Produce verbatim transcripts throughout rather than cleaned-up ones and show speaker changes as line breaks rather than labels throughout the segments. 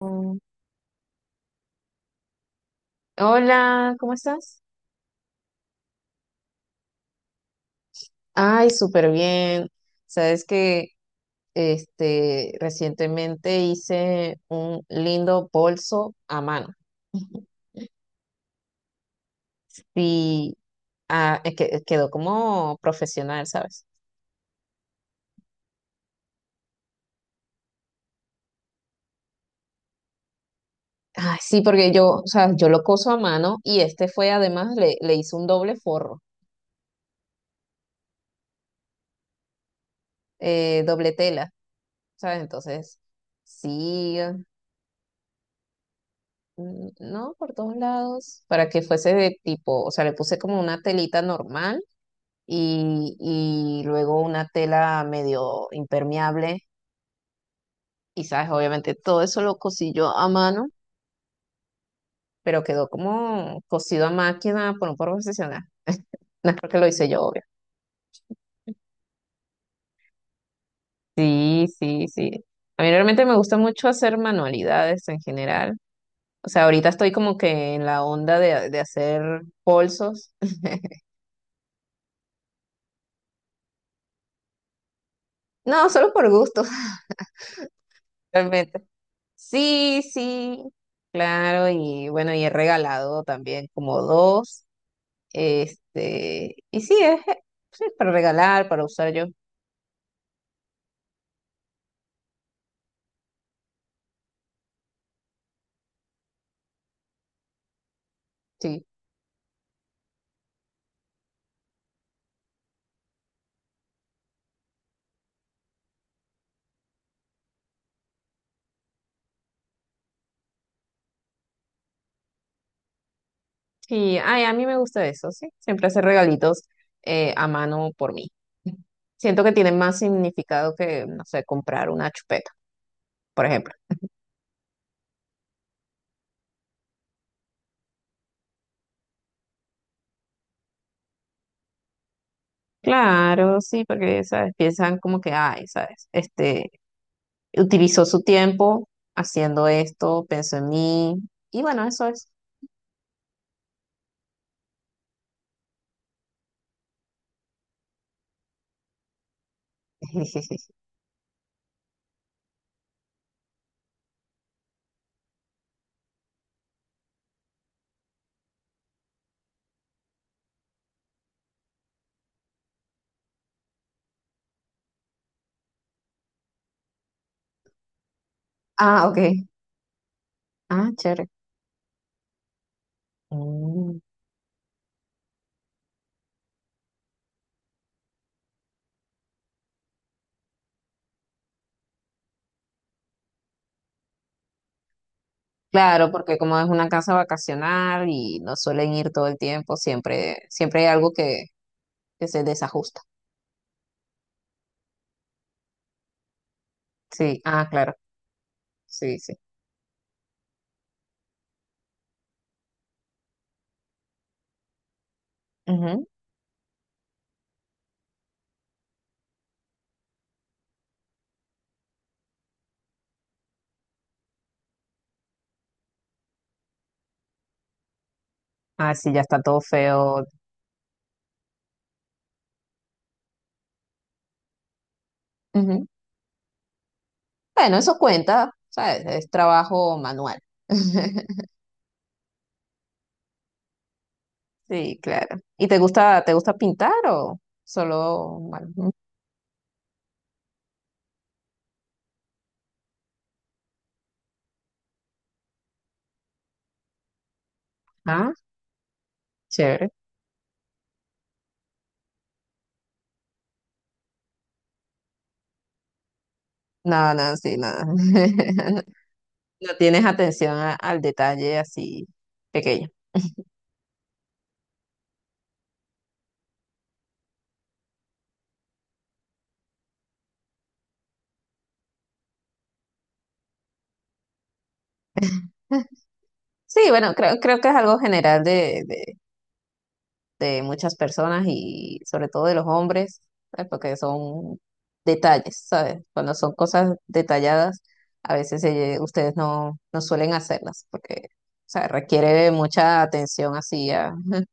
Mm, Hola, ¿cómo estás? Ay, súper bien. Sabes que este recientemente hice un lindo bolso a mano. Y ah, es que quedó como profesional, ¿sabes? Ay, sí, porque yo, o sea, yo lo coso a mano y este fue además, le, le hice un doble forro, eh, doble tela, ¿sabes? Entonces, sí, ah, mm, no, por todos lados, para que fuese de tipo, o sea, le puse como una telita normal y, y luego una tela medio impermeable y sabes, obviamente todo eso lo cosí yo a mano, pero quedó como cosido a máquina por un profesional. No es porque lo hice yo, obvio. Sí, sí, sí. A mí realmente me gusta mucho hacer manualidades en general. O sea, ahorita estoy como que en la onda de, de hacer bolsos. No, solo por gusto, realmente. Sí, sí, claro. Y bueno, y he regalado también como dos. Este, y sí, es, sí, es para regalar, para usar yo. Sí, sí, ay, a mí me gusta eso, sí. Siempre hacer regalitos eh, a mano por mí. Siento que tiene más significado que, no sé, comprar una chupeta, por ejemplo. Claro, sí, porque, ¿sabes? Piensan como que, ay, ¿sabes? Este, utilizó su tiempo haciendo esto, pensó en mí, y bueno, eso es. Ah, ok. Ah, chévere. Mm. Claro, porque como es una casa vacacional y no suelen ir todo el tiempo, siempre, siempre hay algo que, que se desajusta. Sí, ah, claro, sí, sí. Ujú. Ah, sí, ya está todo feo. Ujú. Bueno, eso cuenta, ¿sabes? Es trabajo manual. Sí, claro. ¿Y te gusta, te gusta pintar o solo, bueno, ujú. Ah, chévere. No, no, sí, no. No tienes atención a- al detalle así pequeño. Sí, bueno, creo, creo que es algo general de, de- de muchas personas y sobre todo de los hombres, ¿sabes? Porque son detalles, ¿sabes? Cuando son cosas detalladas, a veces eh, ustedes no, no suelen hacerlas porque, o sea, requiere mucha atención así a-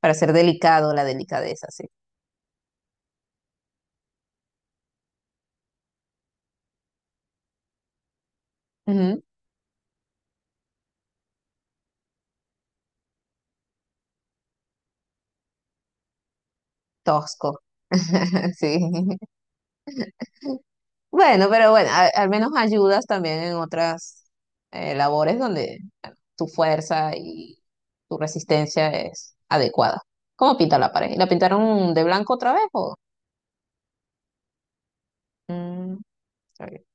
para ser delicado, la delicadeza, sí. Ujú. Tosco. Sí. Bueno, pero bueno, a- al menos ayudas también en otras eh, labores donde tu fuerza y tu resistencia es adecuada. ¿Cómo pinta la pared? ¿La pintaron de blanco otra vez o? Mm, está bien.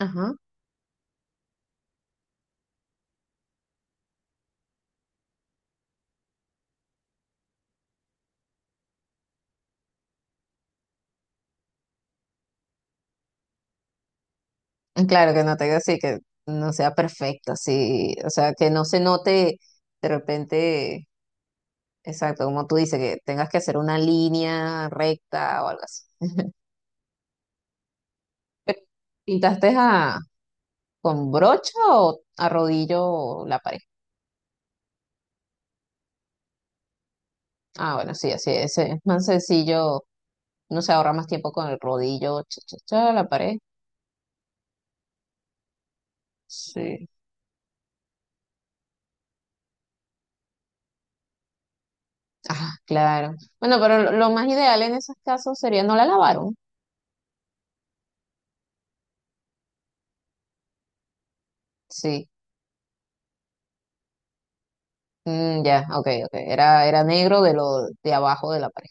Ajá. Claro que no te así que no sea perfecta, sí, o sea, que no se note de repente, exacto, como tú dices, que tengas que hacer una línea recta o algo así. Pero, ¿Pintaste a con brocha o a rodillo la pared? Ah, bueno, sí, así es, es más sencillo, no se ahorra más tiempo con el rodillo, cha, cha, cha, la pared. Sí. Ah, claro. Bueno, pero lo, lo más ideal en esos casos sería no la lavaron. Sí. Mm, ya, ok, ok. Era, era negro de lo de abajo de la pared.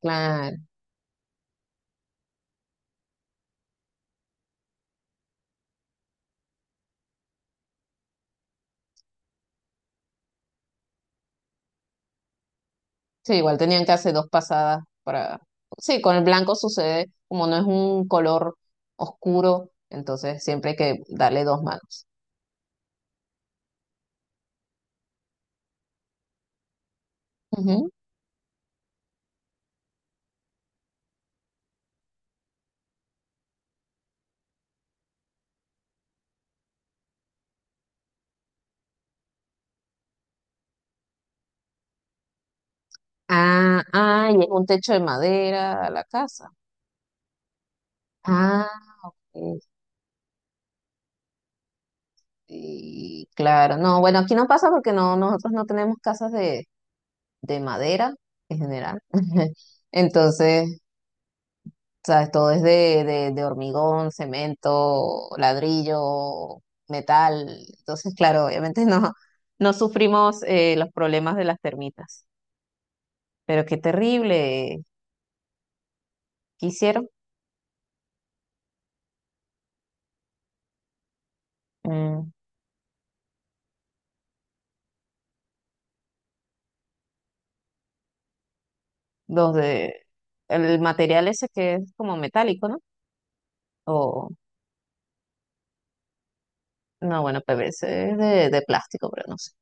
Claro. Sí, igual tenían que hacer dos pasadas para. Sí, con el blanco sucede, como no es un color oscuro, entonces siempre hay que darle dos manos. Ujú. Ah, ah, y es un techo de madera a la casa. Ah, y claro. No, bueno, aquí no pasa porque no, nosotros no tenemos casas de de madera en general. Entonces, sabes, todo es de, de, de hormigón, cemento, ladrillo, metal. Entonces, claro, obviamente no, no sufrimos eh, los problemas de las termitas. Pero qué terrible. ¿Qué hicieron? Mm, los de el material ese que es como metálico, ¿no? O no, bueno, P V C es de, de plástico, pero no sé.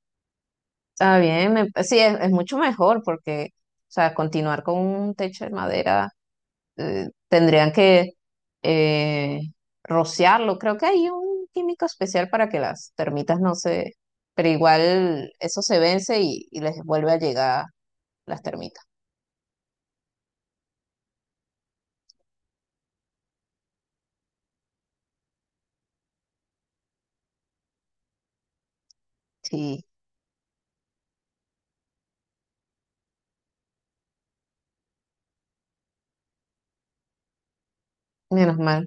Está bien, me- sí, es, es mucho mejor porque, o sea, continuar con un techo de madera eh, tendrían que eh, rociarlo. Creo que hay un químico especial para que las termitas no se... Pero igual eso se vence y, y les vuelve a llegar las termitas. Sí, menos mal.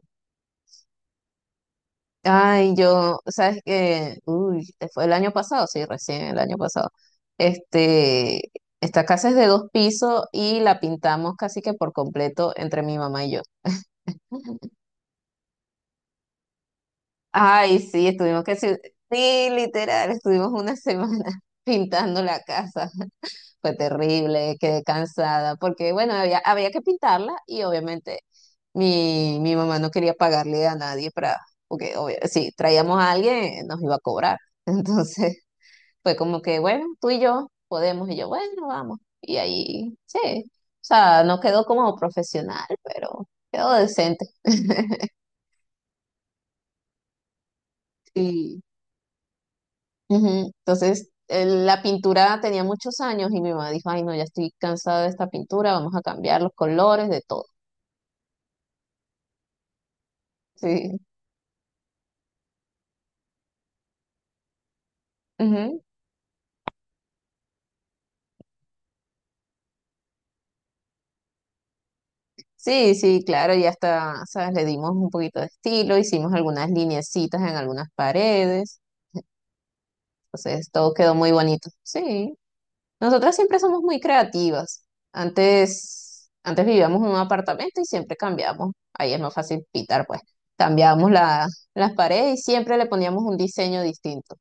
Ay, yo, ¿sabes que Uy, fue el año pasado, sí, recién el año pasado. Este, esta casa es de dos pisos y la pintamos casi que por completo entre mi mamá y yo. Ay, sí, estuvimos que sí, sí, literal, estuvimos una semana pintando la casa. Fue terrible, quedé cansada, porque bueno, había, había que pintarla y obviamente mi, mi mamá no quería pagarle a nadie para, porque obvio, si traíamos a alguien nos iba a cobrar. Entonces fue como que, bueno, tú y yo podemos, y yo, bueno, vamos. Y ahí, sí, o sea, no quedó como profesional, pero quedó decente. Sí. Ujú. Entonces, eh, la pintura tenía muchos años y mi mamá dijo, ay, no, ya estoy cansada de esta pintura, vamos a cambiar los colores, de todo. Sí, ujú. Sí, sí, claro, y hasta, ¿sabes? Le dimos un poquito de estilo, hicimos algunas lineecitas en algunas paredes, entonces todo quedó muy bonito. Sí, nosotras siempre somos muy creativas. Antes, antes vivíamos en un apartamento y siempre cambiábamos, ahí es más fácil pintar, pues, cambiábamos la- las paredes y siempre le poníamos un diseño distinto.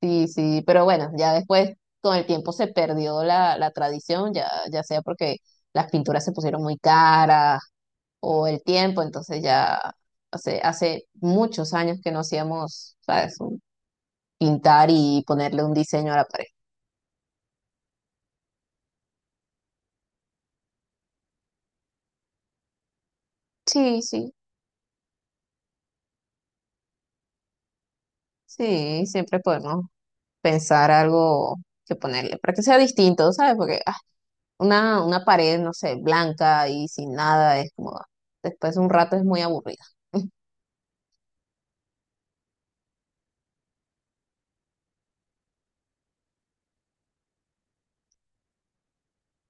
Sí, sí, pero bueno, ya después con el tiempo se perdió la, la tradición, ya, ya sea porque las pinturas se pusieron muy caras o el tiempo, entonces ya hace, hace muchos años que no hacíamos, ¿sabes? Un- Pintar y ponerle un diseño a la pared. Sí, sí, sí, siempre podemos pensar algo que ponerle para que sea distinto, ¿sabes? Porque ah, una, una pared, no sé, blanca y sin nada es como, ah, después de un rato es muy aburrida.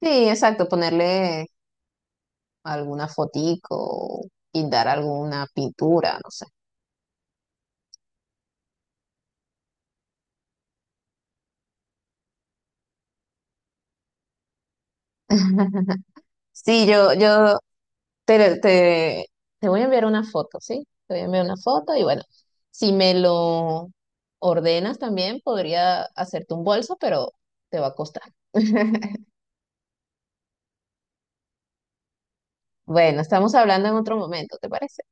Sí, exacto, ponerle alguna fotico, o pintar alguna pintura, no sé. Sí, yo, yo te, te, te voy a enviar una foto, ¿sí? Te voy a enviar una foto y bueno, si me lo ordenas también, podría hacerte un bolso, pero te va a costar. Bueno, estamos hablando en otro momento, ¿te parece?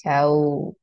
Chao.